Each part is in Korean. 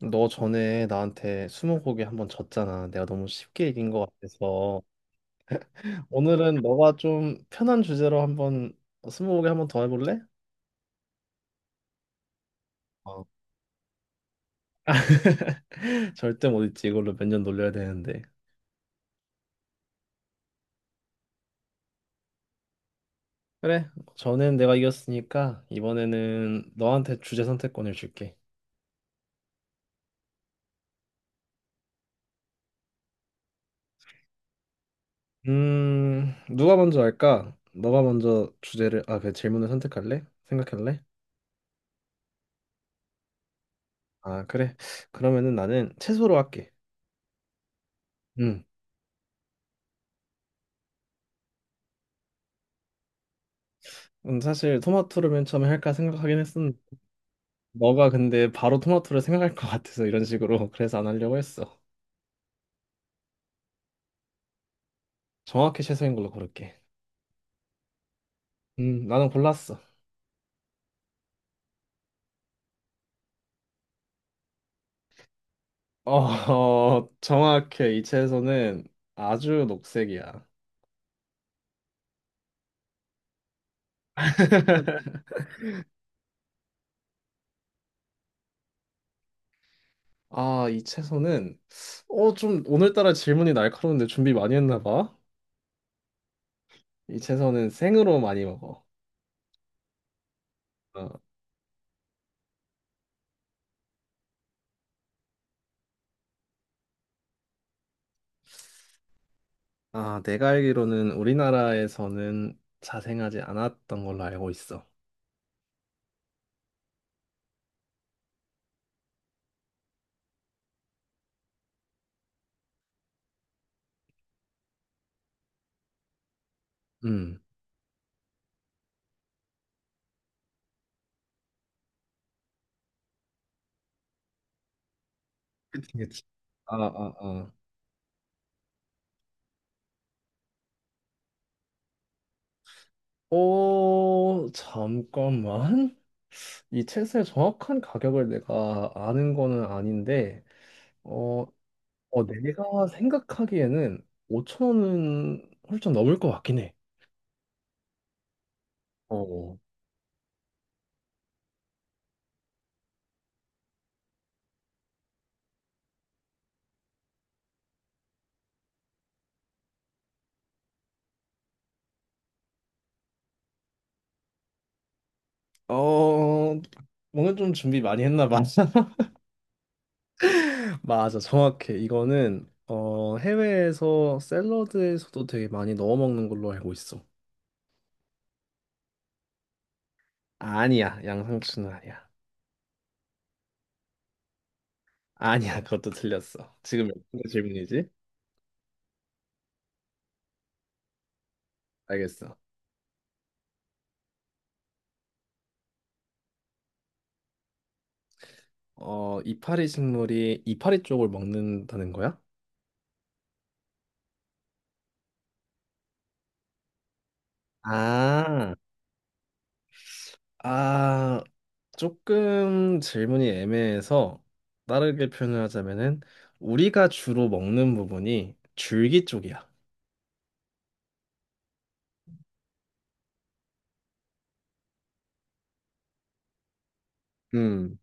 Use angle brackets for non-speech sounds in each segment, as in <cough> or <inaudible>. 너 전에 나한테 스무고개 한번 졌잖아. 내가 너무 쉽게 이긴 것 같아서 오늘은 너가 좀 편한 주제로 한번 스무고개 한번 더 해볼래? 어. <laughs> 절대 못 잊지. 이걸로 몇 년 놀려야 되는데. 그래. 전엔 내가 이겼으니까 이번에는 너한테 주제 선택권을 줄게. 누가 먼저 할까? 너가 먼저 주제를 그 질문을 선택할래? 생각할래? 아, 그래. 그러면은 나는 채소로 할게. 음. 사실 토마토를 맨 처음에 할까 생각하긴 했었는데 너가 근데 바로 토마토를 생각할 것 같아서 이런 식으로 <laughs> 그래서 안 하려고 했어. 정확히 채소인 걸로 고를게. 나는 골랐어. 어, <laughs> 어, 정확해. 이 채소는 아주 녹색이야. 아, 이 채소는 좀 오늘따라 질문이 날카로운데 준비 많이 했나 봐. 이 채소는 생으로 많이 먹어. 어, 아, 내가 알기로는 우리나라에서는 자생하지 않았던 걸로 알고 있어. 음. 그치, 그치. 아, 아, 아. 오, 잠깐만. 이 책의 정확한 가격을 내가 아는 거는 아닌데, 어, 내가 생각하기에는 5천 원은 훌쩍 넘을 것 같긴 해. 어, 어, 뭔가 좀 준비 많이 했나 봐. <laughs> 맞아, 정확해. 이거는 해외에서 샐러드에서도 되게 많이 넣어 먹는 걸로 알고 있어. 아니야, 양상추는 아니야. 아니야, <laughs> 그것도 틀렸어. 지금 몇 번째 질문이지? 알겠어. 어, 이파리 식물이 이파리 쪽을 먹는다는 거야? 아, 아, 조금 질문이 애매해서 다르게 표현을 하자면은 우리가 주로 먹는 부분이 줄기 쪽이야. <laughs> 음,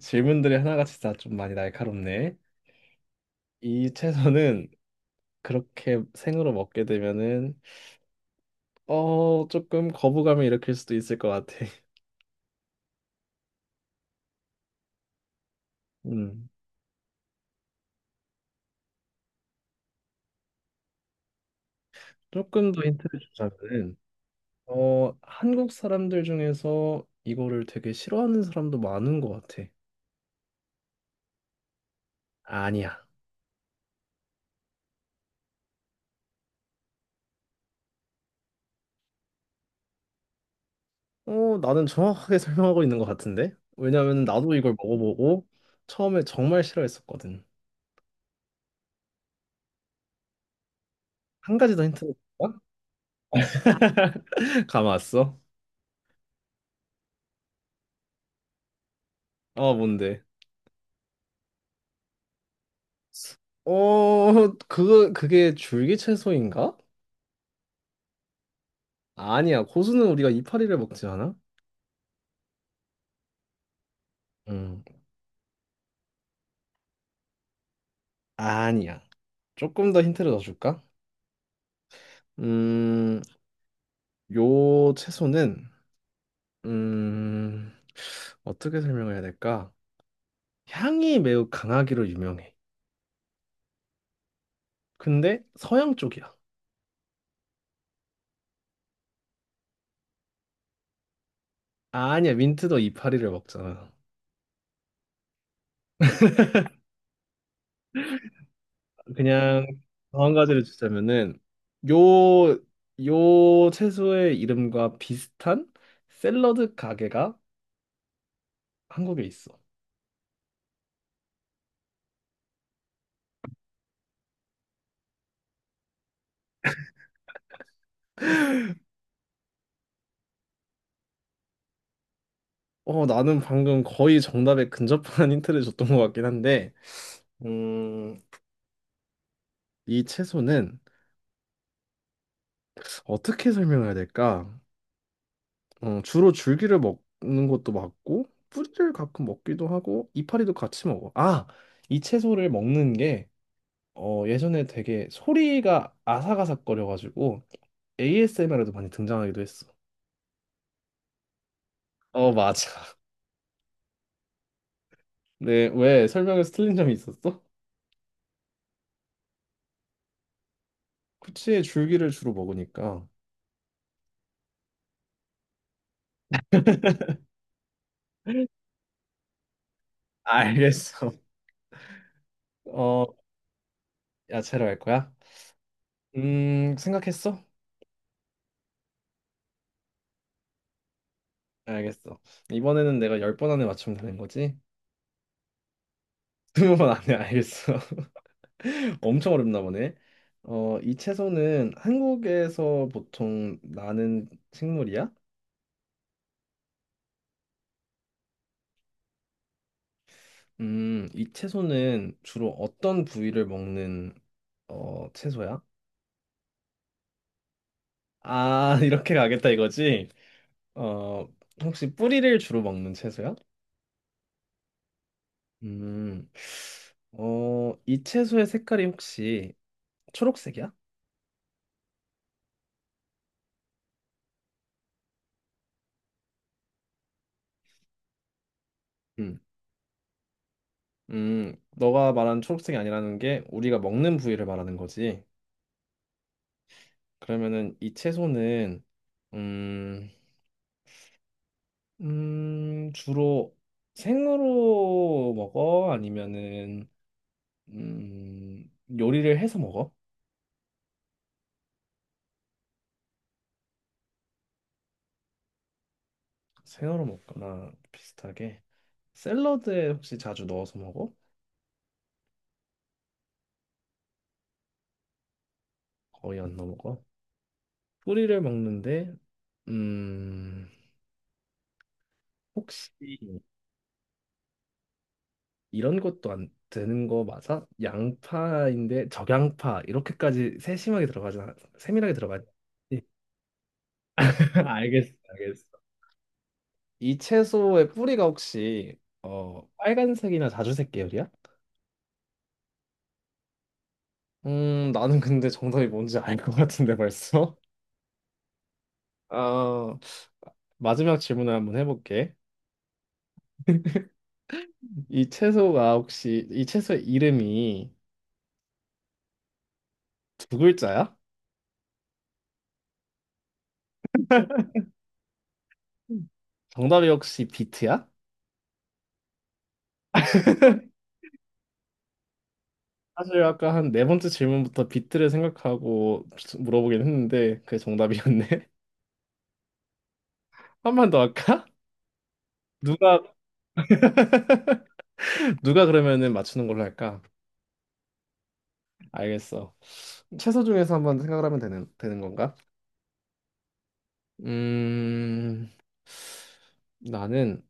질문들이 하나같이 다 좀 많이 날카롭네. 이 채소는 그렇게 생으로 먹게 되면은 어 조금 거부감을 일으킬 수도 있을 것 같아. <laughs> 음, 조금 더 힌트를 주자면은 어 한국 사람들 중에서 이거를 되게 싫어하는 사람도 많은 것 같아. 아니야. 나는 정확하게 <laughs> 설명하고 있는 것 같은데? 왜냐면 나도 이걸 먹어보고 처음에 정말 싫어했었거든. 한 가지 더 힌트를 줄까? <laughs> 감았어 어, <laughs> 뭔데? 어, 그게 줄기 채소인가? 아니야. 고수는 우리가 이파리를 먹지 않아? 음, 아니야. 조금 더 힌트를 더 줄까? 음, 요 채소는, 음, 어떻게 설명해야 될까? 향이 매우 강하기로 유명해. 근데 서양 쪽이야. 아니야, 민트도 이파리를 먹잖아. 그냥 더한 가지를 주자면은 요, 요 채소의 이름과 비슷한 샐러드 가게가 한국에 있어. 어, 나는 방금 거의 정답에 근접한 <laughs> 힌트를 줬던 것 같긴 한데, 음, 이 채소는 어떻게 설명해야 될까? 어, 주로 줄기를 먹는 것도 맞고, 뿌리를 가끔 먹기도 하고, 이파리도 같이 먹어. 아, 이 채소를 먹는 게 어, 예전에 되게 소리가 아삭아삭거려가지고 ASMR에도 많이 등장하기도 했어. 어, 맞아. <laughs> 네, 왜 설명에서 틀린 점이 있었어? 쿠치의 줄기를 주로 먹으니까. 알겠어. 어, 야채로 할 거야? 생각했어? 알겠어. 이번에는 내가 열 번 안에 맞추면 되는 거지? <laughs> 20번 안에 알겠어. <laughs> 엄청 어렵나 보네. 어, 이 채소는 한국에서 보통 나는 식물이야? 이 채소는 주로 어떤 부위를 먹는 채소야? 아, <laughs> 이렇게 가겠다 이거지? 어, 혹시 뿌리를 주로 먹는 채소야? 음, 어, 이 채소의 색깔이 혹시 초록색이야? 음, 너가 말한 초록색이 아니라는 게 우리가 먹는 부위를 말하는 거지. 그러면은 이 채소는 음, 주로 생으로 먹어? 아니면은 음, 요리를 해서 먹어? 생으로 먹거나 비슷하게. 샐러드에 혹시 자주 넣어서 먹어? 거의 안 넣어 먹어. 뿌리를 먹는데, 음, 혹시 이런 것도 안 되는 거 맞아? 양파인데 적양파 이렇게까지 세심하게 들어가지 세밀하게 들어가지 않- <laughs> 아, 알겠어, 알겠어. 이 채소의 뿌리가 혹시 어 빨간색이나 자주색 계열이야? 나는 근데 정답이 뭔지 알 것 같은데 벌써. <laughs> 아 마지막 질문을 한번 해볼게. 이 채소가 혹시 이 채소의 이름이 두 글자야? 음. 정답이 혹시 비트야? 사실 아까 한 네 번째 질문부터 비트를 생각하고 물어보긴 했는데 그게 정답이었네. <laughs> 한 번 더 할까? 누가 누가 그러면은 맞추는 걸로 할까? 알겠어. 채소 중에서 한번 생각을 하면 되는 건가? 음 나는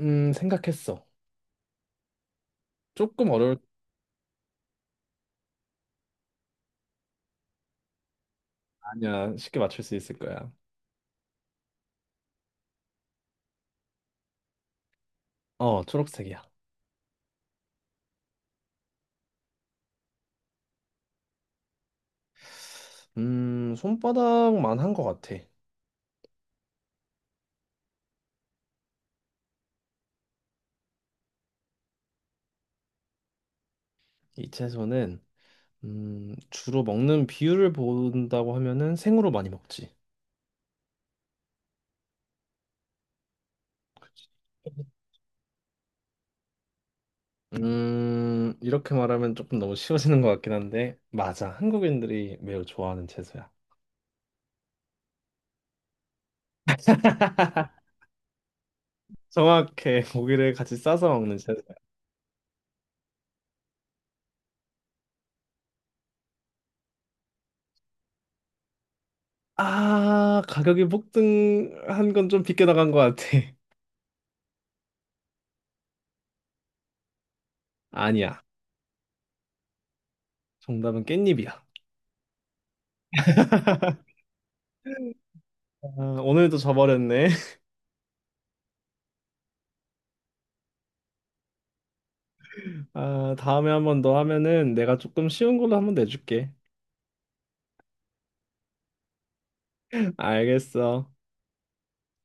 생각했어. 조금 어려울 아니야. 쉽게 맞출 수 있을 거야. 어 초록색이야. 손바닥만 한 것 같아. 이 채소는 주로 먹는 비율을 본다고 하면은 생으로 많이 먹지. 이렇게 말하면 조금 너무 쉬워지는 것 같긴 한데, 맞아. 한국인들이 매우 좋아하는 채소야. 정확해. <laughs> 고기를 같이 싸서 먹는 채소야. 아, 가격이 폭등한 건 좀 빗겨 나간 것 같아. <laughs> 아니야. 정답은 깻잎이야. 아, 오늘도 져버렸네. <laughs> 아, 다음에 한 번 더 하면은 내가 조금 쉬운 걸로 한번 내줄게. 알겠어.